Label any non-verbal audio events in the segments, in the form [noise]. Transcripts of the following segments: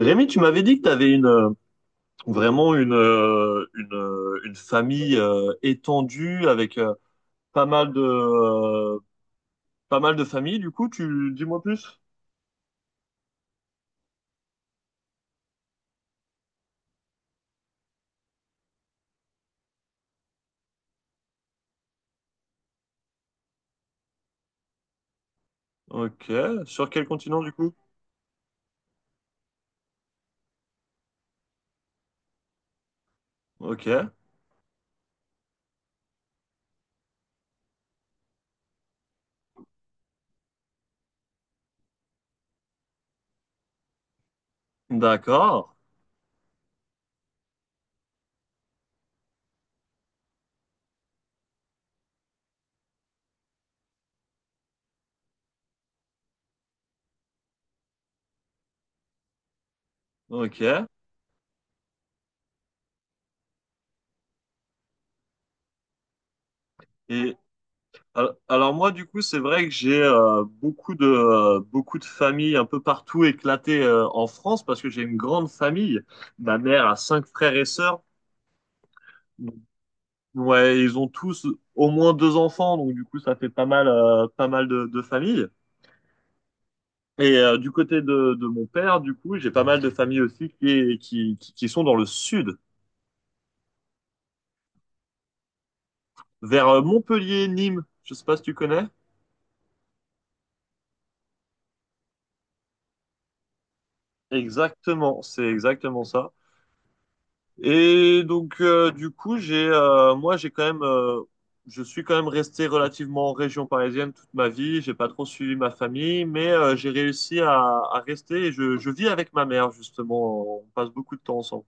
Rémi, tu m'avais dit que tu avais vraiment une famille étendue avec pas mal de, euh, pas mal de familles. Du coup, tu dis-moi plus. Ok. Sur quel continent, du coup? Ok. D'accord. Ok. Et alors moi, du coup, c'est vrai que j'ai beaucoup de familles un peu partout éclatées en France parce que j'ai une grande famille. Ma mère a cinq frères et sœurs. Ouais, ils ont tous au moins deux enfants, donc du coup ça fait pas mal de, familles. Et du côté de mon père, du coup, j'ai pas mal de familles aussi qui, est- qui sont dans le sud, vers Montpellier, Nîmes. Je sais pas si tu connais. Exactement, c'est exactement ça. Et donc, du coup, moi, je suis quand même resté relativement en région parisienne toute ma vie. J'ai pas trop suivi ma famille, mais j'ai réussi à rester. Et je vis avec ma mère justement. On passe beaucoup de temps ensemble.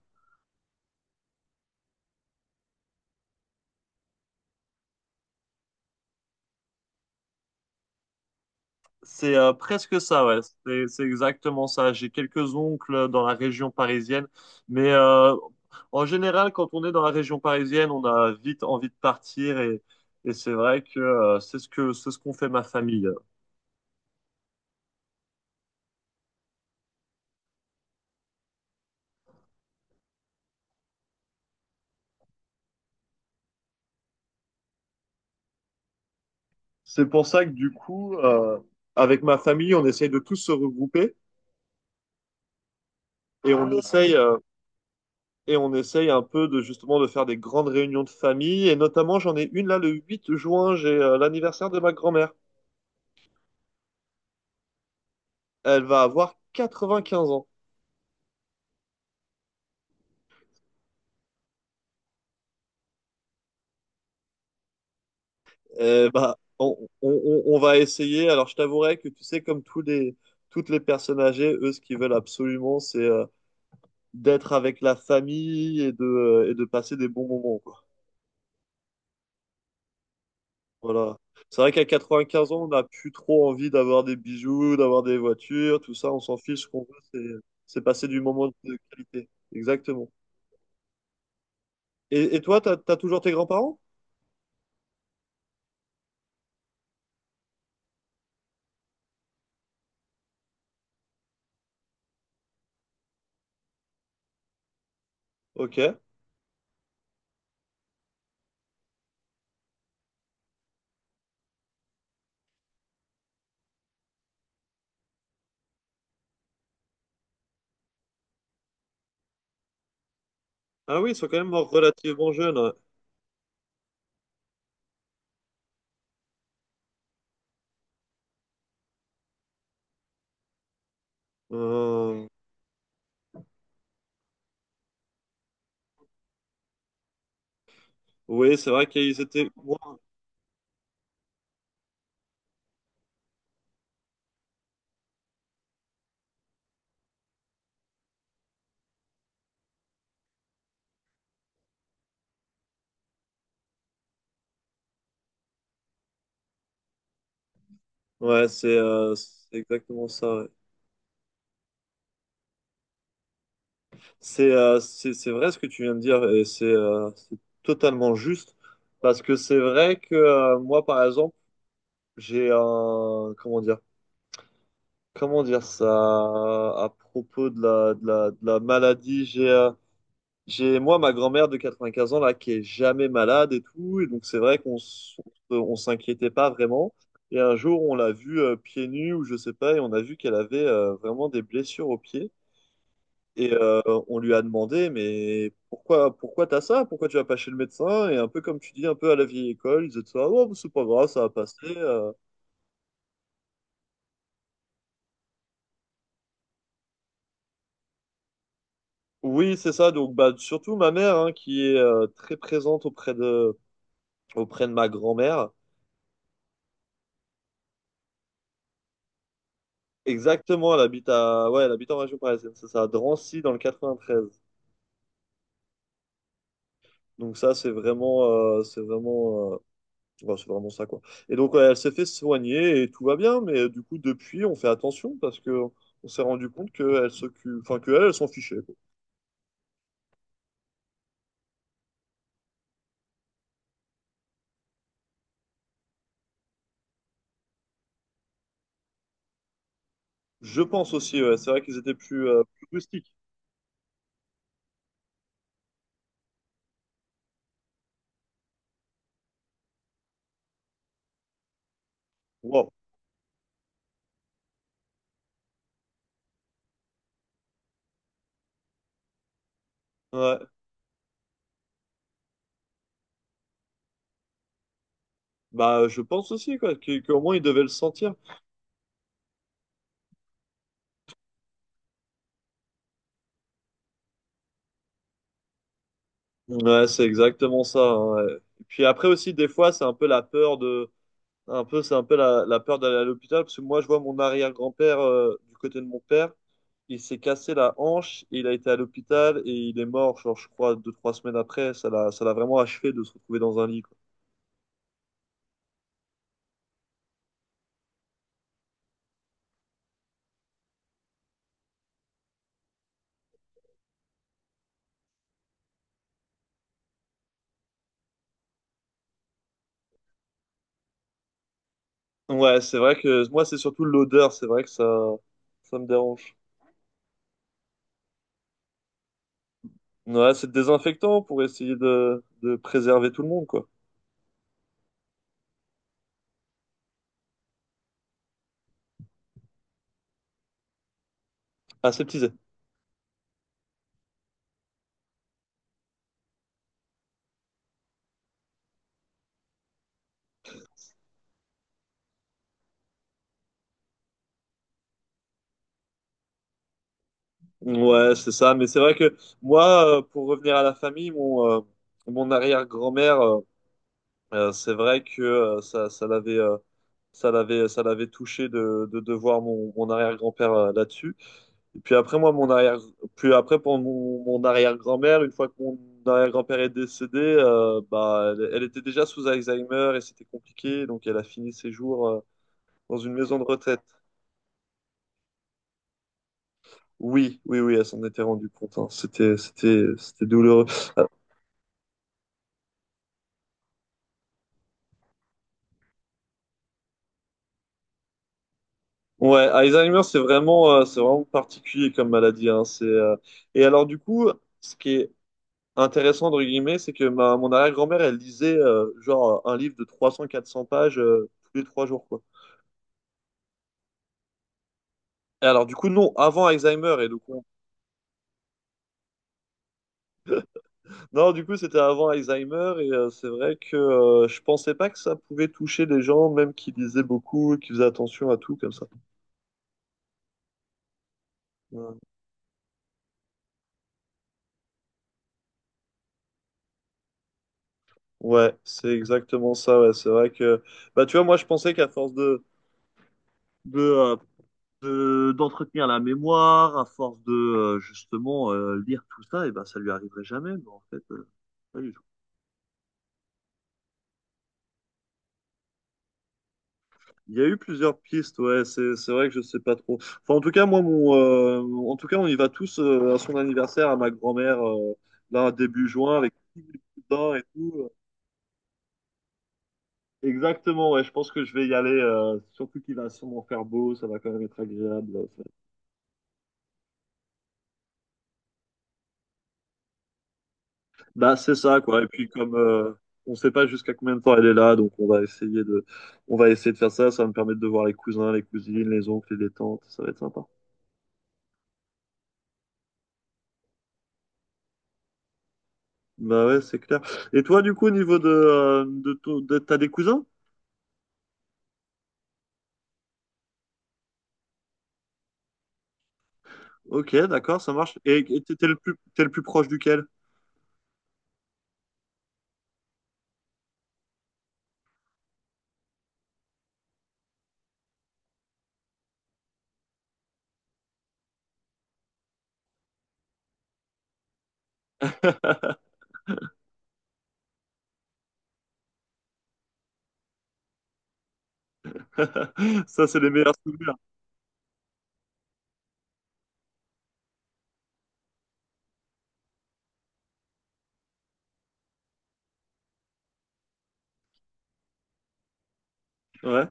C'est presque ça, ouais. C'est exactement ça. J'ai quelques oncles dans la région parisienne, mais en général, quand on est dans la région parisienne, on a vite envie de partir et c'est vrai que c'est ce qu'on fait ma famille. C'est pour ça que du coup, avec ma famille, on essaye de tous se regrouper et on essaye euh, et on essaye un peu de justement de faire des grandes réunions de famille. Et notamment, j'en ai une là le 8 juin, j'ai l'anniversaire de ma grand-mère. Elle va avoir 95 ans. Et bah, on va essayer. Alors, je t'avouerai que tu sais, comme tous les toutes les personnes âgées, eux, ce qu'ils veulent absolument, c'est d'être avec la famille et de passer des bons moments. Voilà. C'est vrai qu'à 95 ans, on n'a plus trop envie d'avoir des bijoux, d'avoir des voitures, tout ça, on s'en fiche. Ce qu'on veut, c'est passer du moment de qualité. Exactement. Et toi, t'as toujours tes grands-parents? Ok. Ah oui, ils sont quand même relativement jeunes. Ouais. Euh, oui, c'est vrai qu'ils étaient. Ouais, c'est exactement ça. Ouais. C'est vrai ce que tu viens de dire et c'est totalement juste parce que c'est vrai que moi, par exemple, j'ai un comment dire ça à propos de la, de la maladie. J'ai moi ma grand-mère de 95 ans là qui est jamais malade et tout, et donc c'est vrai on s'inquiétait pas vraiment. Et un jour on l'a vue pieds nus ou je sais pas, et on a vu qu'elle avait vraiment des blessures aux pieds. Et on lui a demandé, mais pourquoi t'as ça? Pourquoi tu vas pas chez le médecin? Et un peu comme tu dis, un peu à la vieille école, ils étaient ça, oh, c'est pas grave, ça va passer. Oui, c'est ça. Donc, bah, surtout ma mère, hein, qui est très présente auprès de ma grand-mère. Exactement, elle habite ouais, elle habite en région parisienne, c'est ça, à Drancy, dans le 93. Donc ça, c'est vraiment ça, quoi. Et donc, ouais, elle s'est fait soigner et tout va bien, mais du coup, depuis, on fait attention parce que on s'est rendu compte qu'elle s'occupe, enfin, elle s'en fichait, quoi. Je pense aussi, ouais, c'est vrai qu'ils étaient plus rustiques. Wow. Ouais. Bah, je pense aussi, quoi, qu'au moins, ils devaient le sentir. Ouais, c'est exactement ça. Hein, ouais. Et puis après aussi, des fois, c'est un peu la peur d'aller à l'hôpital parce que moi, je vois mon arrière-grand-père du côté de mon père, il s'est cassé la hanche, il a été à l'hôpital et il est mort, genre je crois 2-3 semaines après. Ça l'a vraiment achevé de se retrouver dans un lit, quoi. Ouais, c'est vrai que moi, c'est surtout l'odeur, c'est vrai que ça me dérange. Ouais, c'est désinfectant pour essayer de préserver tout le monde, quoi. Aseptisé. Ouais, c'est ça. Mais c'est vrai que moi, pour revenir à la famille, mon arrière-grand-mère, c'est vrai que ça l'avait touché de, de voir mon arrière-grand-père là-dessus. Et puis après, moi, puis après, pour mon arrière-grand-mère, une fois que mon arrière-grand-père est décédé, bah, elle était déjà sous Alzheimer et c'était compliqué. Donc, elle a fini ses jours, dans une maison de retraite. Oui, oui, oui, elle s'en était rendue compte. Hein. C'était douloureux. Ouais, Alzheimer, c'est vraiment particulier comme maladie. Hein. Et alors, du coup, ce qui est intéressant, entre guillemets, c'est que mon arrière-grand-mère, elle lisait genre un livre de 300-400 pages tous les 3 jours, quoi. Et alors, du coup, non, avant Alzheimer. Non, du coup, c'était avant Alzheimer. Et c'est vrai que je pensais pas que ça pouvait toucher des gens, même qui lisaient beaucoup, qui faisaient attention à tout, comme ça. Ouais, Ouais, c'est exactement ça. Ouais. C'est vrai que, bah, tu vois, moi, je pensais qu'à force de de euh, d'entretenir la mémoire, à force de justement lire tout ça, et ben ça lui arriverait jamais, mais en fait, pas du tout. Il y a eu plusieurs pistes, ouais, c'est vrai que je sais pas trop. Enfin, en tout cas, moi, en tout cas, on y va tous à son anniversaire, à ma grand-mère, là, début juin, avec tous les petits bains et tout. Exactement, ouais, je pense que je vais y aller, surtout qu'il va sûrement faire beau, ça va quand même être agréable. Bah, c'est ça, quoi. Et puis, comme on sait pas jusqu'à combien de temps elle est là, donc on va on va essayer de faire ça. Ça va me permettre de voir les cousins, les cousines, les oncles et les tantes. Ça va être sympa. Bah ouais, c'est clair. Et toi, du coup, au niveau t'as des cousins? Ok, d'accord, ça marche. Et t'es le plus proche duquel? [laughs] Ça, c'est les meilleurs souvenirs. Ouais.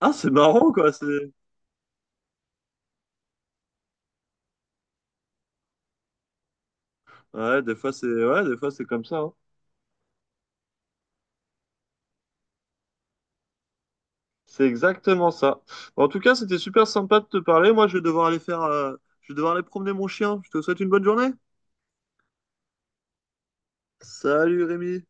Ah, c'est marrant, quoi. Ouais, des fois, ouais, des fois, c'est comme ça. Hein. C'est exactement ça. En tout cas, c'était super sympa de te parler. Moi, je vais devoir aller promener mon chien. Je te souhaite une bonne journée. Salut Rémi.